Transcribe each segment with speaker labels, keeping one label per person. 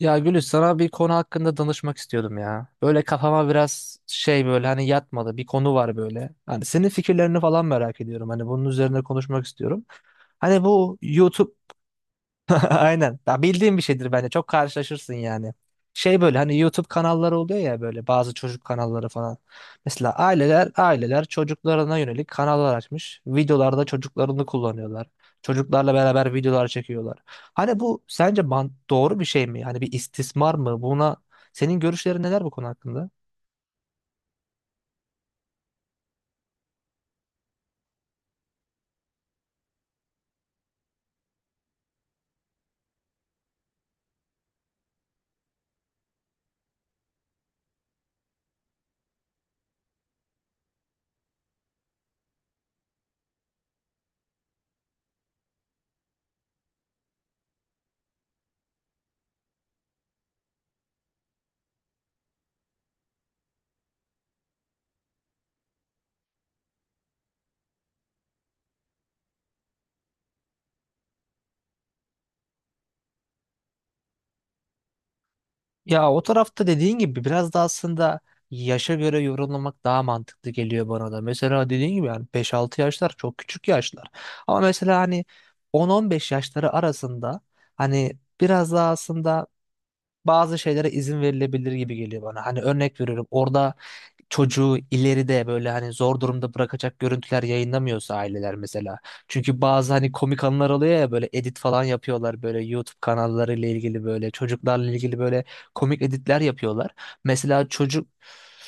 Speaker 1: Ya Gülüş, sana bir konu hakkında danışmak istiyordum ya. Böyle kafama biraz şey, böyle hani yatmadı bir konu var böyle. Hani senin fikirlerini falan merak ediyorum. Hani bunun üzerine konuşmak istiyorum. Hani bu YouTube aynen. Ya bildiğim bir şeydir bence. Çok karşılaşırsın yani. Şey böyle hani YouTube kanalları oluyor ya, böyle bazı çocuk kanalları falan. Mesela aileler çocuklarına yönelik kanallar açmış. Videolarda çocuklarını kullanıyorlar. Çocuklarla beraber videolar çekiyorlar. Hani bu sence doğru bir şey mi? Hani bir istismar mı? Buna senin görüşlerin neler bu konu hakkında? Ya o tarafta dediğin gibi biraz da aslında yaşa göre yorumlamak daha mantıklı geliyor bana da. Mesela dediğin gibi yani beş-altı yaşlar çok küçük yaşlar. Ama mesela hani 10-15 yaşları arasında hani biraz daha aslında bazı şeylere izin verilebilir gibi geliyor bana. Hani örnek veriyorum, orada çocuğu ileride böyle hani zor durumda bırakacak görüntüler yayınlamıyorsa aileler mesela. Çünkü bazı hani komik anlar oluyor ya, böyle edit falan yapıyorlar, böyle YouTube kanallarıyla ilgili, böyle çocuklarla ilgili böyle komik editler yapıyorlar. Mesela çocuk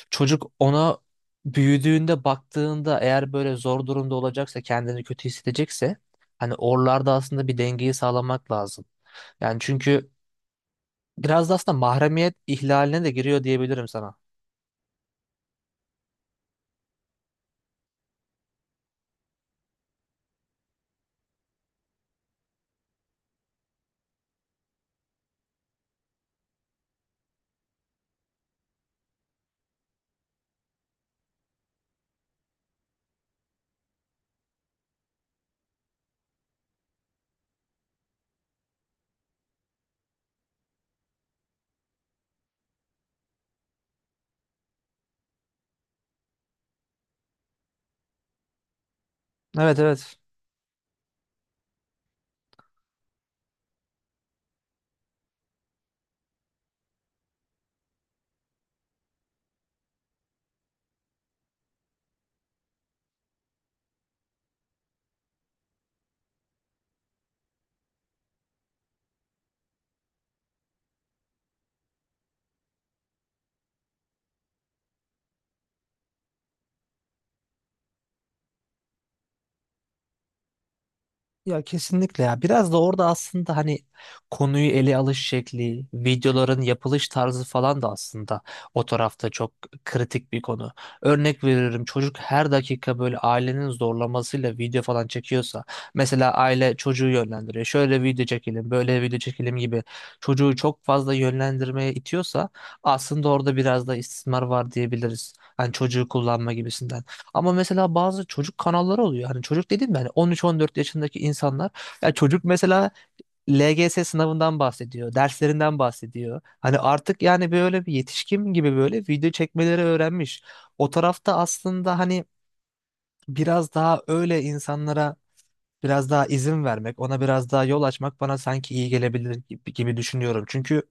Speaker 1: çocuk ona büyüdüğünde baktığında eğer böyle zor durumda olacaksa, kendini kötü hissedecekse hani oralarda aslında bir dengeyi sağlamak lazım. Yani çünkü biraz da aslında mahremiyet ihlaline de giriyor diyebilirim sana. Evet, evet. Ya kesinlikle ya. Biraz da orada aslında hani konuyu ele alış şekli, videoların yapılış tarzı falan da aslında o tarafta çok kritik bir konu. Örnek veriyorum, çocuk her dakika böyle ailenin zorlamasıyla video falan çekiyorsa, mesela aile çocuğu yönlendiriyor. Şöyle video çekelim, böyle video çekelim gibi çocuğu çok fazla yönlendirmeye itiyorsa aslında orada biraz da istismar var diyebiliriz. Hani çocuğu kullanma gibisinden. Ama mesela bazı çocuk kanalları oluyor. Hani çocuk dedim yani 13-14 yaşındaki insanlar. Ya çocuk mesela LGS sınavından bahsediyor, derslerinden bahsediyor. Hani artık yani böyle bir yetişkin gibi böyle video çekmeleri öğrenmiş. O tarafta aslında hani biraz daha öyle insanlara biraz daha izin vermek, ona biraz daha yol açmak bana sanki iyi gelebilir gibi, gibi düşünüyorum. Çünkü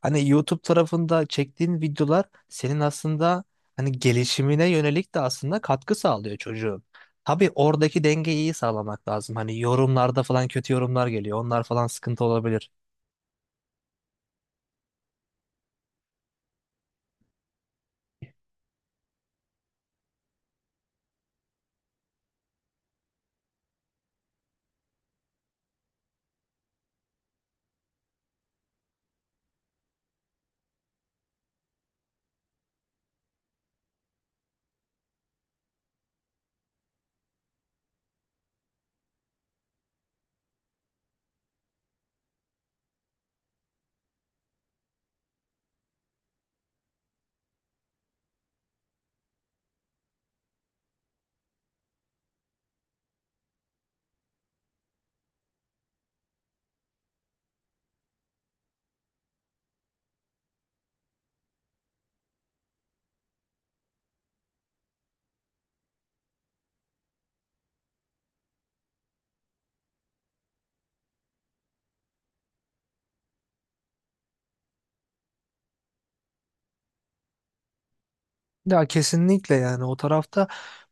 Speaker 1: hani YouTube tarafında çektiğin videolar senin aslında hani gelişimine yönelik de aslında katkı sağlıyor çocuğun. Tabii oradaki dengeyi iyi sağlamak lazım. Hani yorumlarda falan kötü yorumlar geliyor. Onlar falan sıkıntı olabilir. Ya kesinlikle, yani o tarafta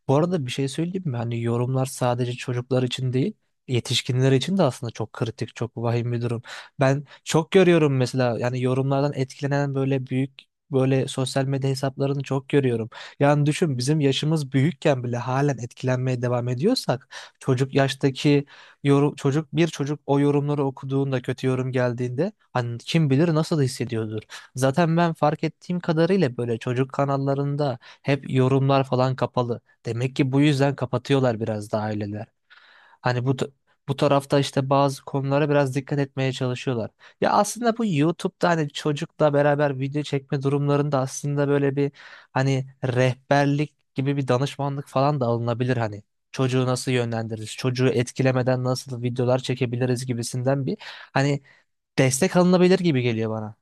Speaker 1: bu arada bir şey söyleyeyim mi? Hani yorumlar sadece çocuklar için değil, yetişkinler için de aslında çok kritik, çok vahim bir durum. Ben çok görüyorum mesela, yani yorumlardan etkilenen böyle büyük, böyle sosyal medya hesaplarını çok görüyorum. Yani düşün, bizim yaşımız büyükken bile halen etkilenmeye devam ediyorsak çocuk yaştaki yorum, çocuk, bir çocuk o yorumları okuduğunda, kötü yorum geldiğinde hani kim bilir nasıl hissediyordur. Zaten ben fark ettiğim kadarıyla böyle çocuk kanallarında hep yorumlar falan kapalı. Demek ki bu yüzden kapatıyorlar biraz da aileler. Hani bu tarafta işte bazı konulara biraz dikkat etmeye çalışıyorlar. Ya aslında bu YouTube'da hani çocukla beraber video çekme durumlarında aslında böyle bir hani rehberlik gibi bir danışmanlık falan da alınabilir hani. Çocuğu nasıl yönlendiririz, çocuğu etkilemeden nasıl videolar çekebiliriz gibisinden bir hani destek alınabilir gibi geliyor bana.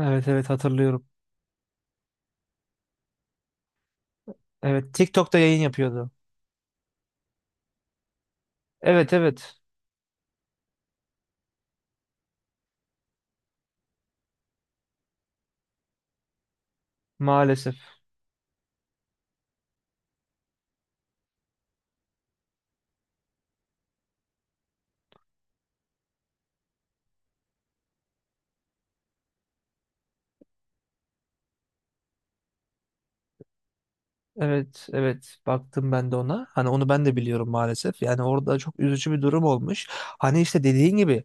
Speaker 1: Evet, evet hatırlıyorum. Evet, TikTok'ta yayın yapıyordu. Evet, evet. Maalesef. Evet, evet. Baktım ben de ona. Hani onu ben de biliyorum maalesef. Yani orada çok üzücü bir durum olmuş. Hani işte dediğin gibi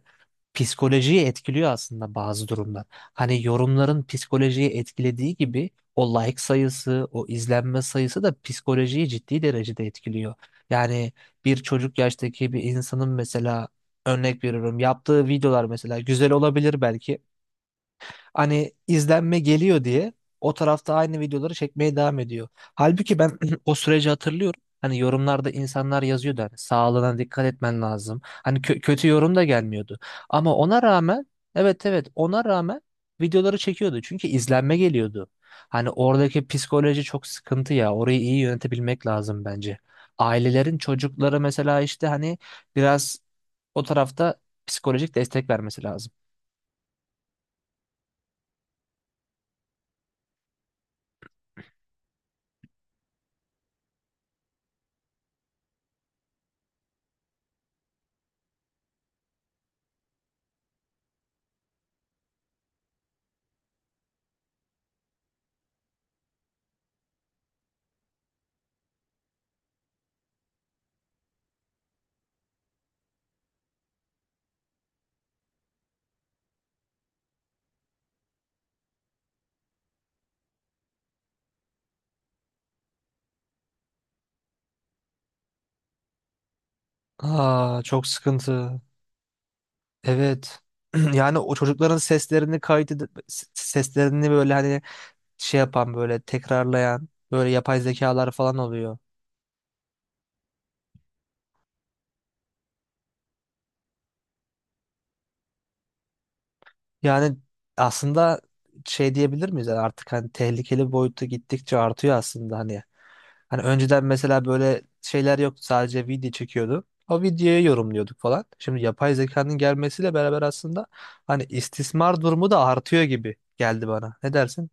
Speaker 1: psikolojiyi etkiliyor aslında bazı durumlar. Hani yorumların psikolojiyi etkilediği gibi o like sayısı, o izlenme sayısı da psikolojiyi ciddi derecede etkiliyor. Yani bir çocuk yaştaki bir insanın mesela, örnek veriyorum, yaptığı videolar mesela güzel olabilir belki. Hani izlenme geliyor diye o tarafta aynı videoları çekmeye devam ediyor. Halbuki ben o süreci hatırlıyorum. Hani yorumlarda insanlar yazıyordu hani sağlığına dikkat etmen lazım. Hani kötü yorum da gelmiyordu. Ama ona rağmen evet, evet, ona rağmen videoları çekiyordu. Çünkü izlenme geliyordu. Hani oradaki psikoloji çok sıkıntı ya. Orayı iyi yönetebilmek lazım bence. Ailelerin çocukları mesela işte hani biraz o tarafta psikolojik destek vermesi lazım. Aa, çok sıkıntı. Evet. Yani o çocukların seslerini kaydedip seslerini böyle hani şey yapan, böyle tekrarlayan böyle yapay zekalar falan oluyor. Yani aslında şey diyebilir miyiz? Yani artık hani tehlikeli boyutu gittikçe artıyor aslında hani. Hani önceden mesela böyle şeyler yoktu, sadece video çekiyordu. O videoyu yorumluyorduk falan. Şimdi yapay zekanın gelmesiyle beraber aslında hani istismar durumu da artıyor gibi geldi bana. Ne dersin?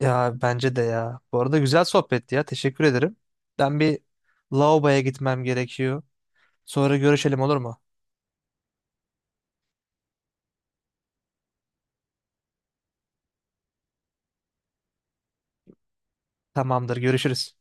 Speaker 1: Ya bence de ya. Bu arada güzel sohbetti ya. Teşekkür ederim. Ben bir lavaboya gitmem gerekiyor. Sonra görüşelim, olur mu? Tamamdır, görüşürüz.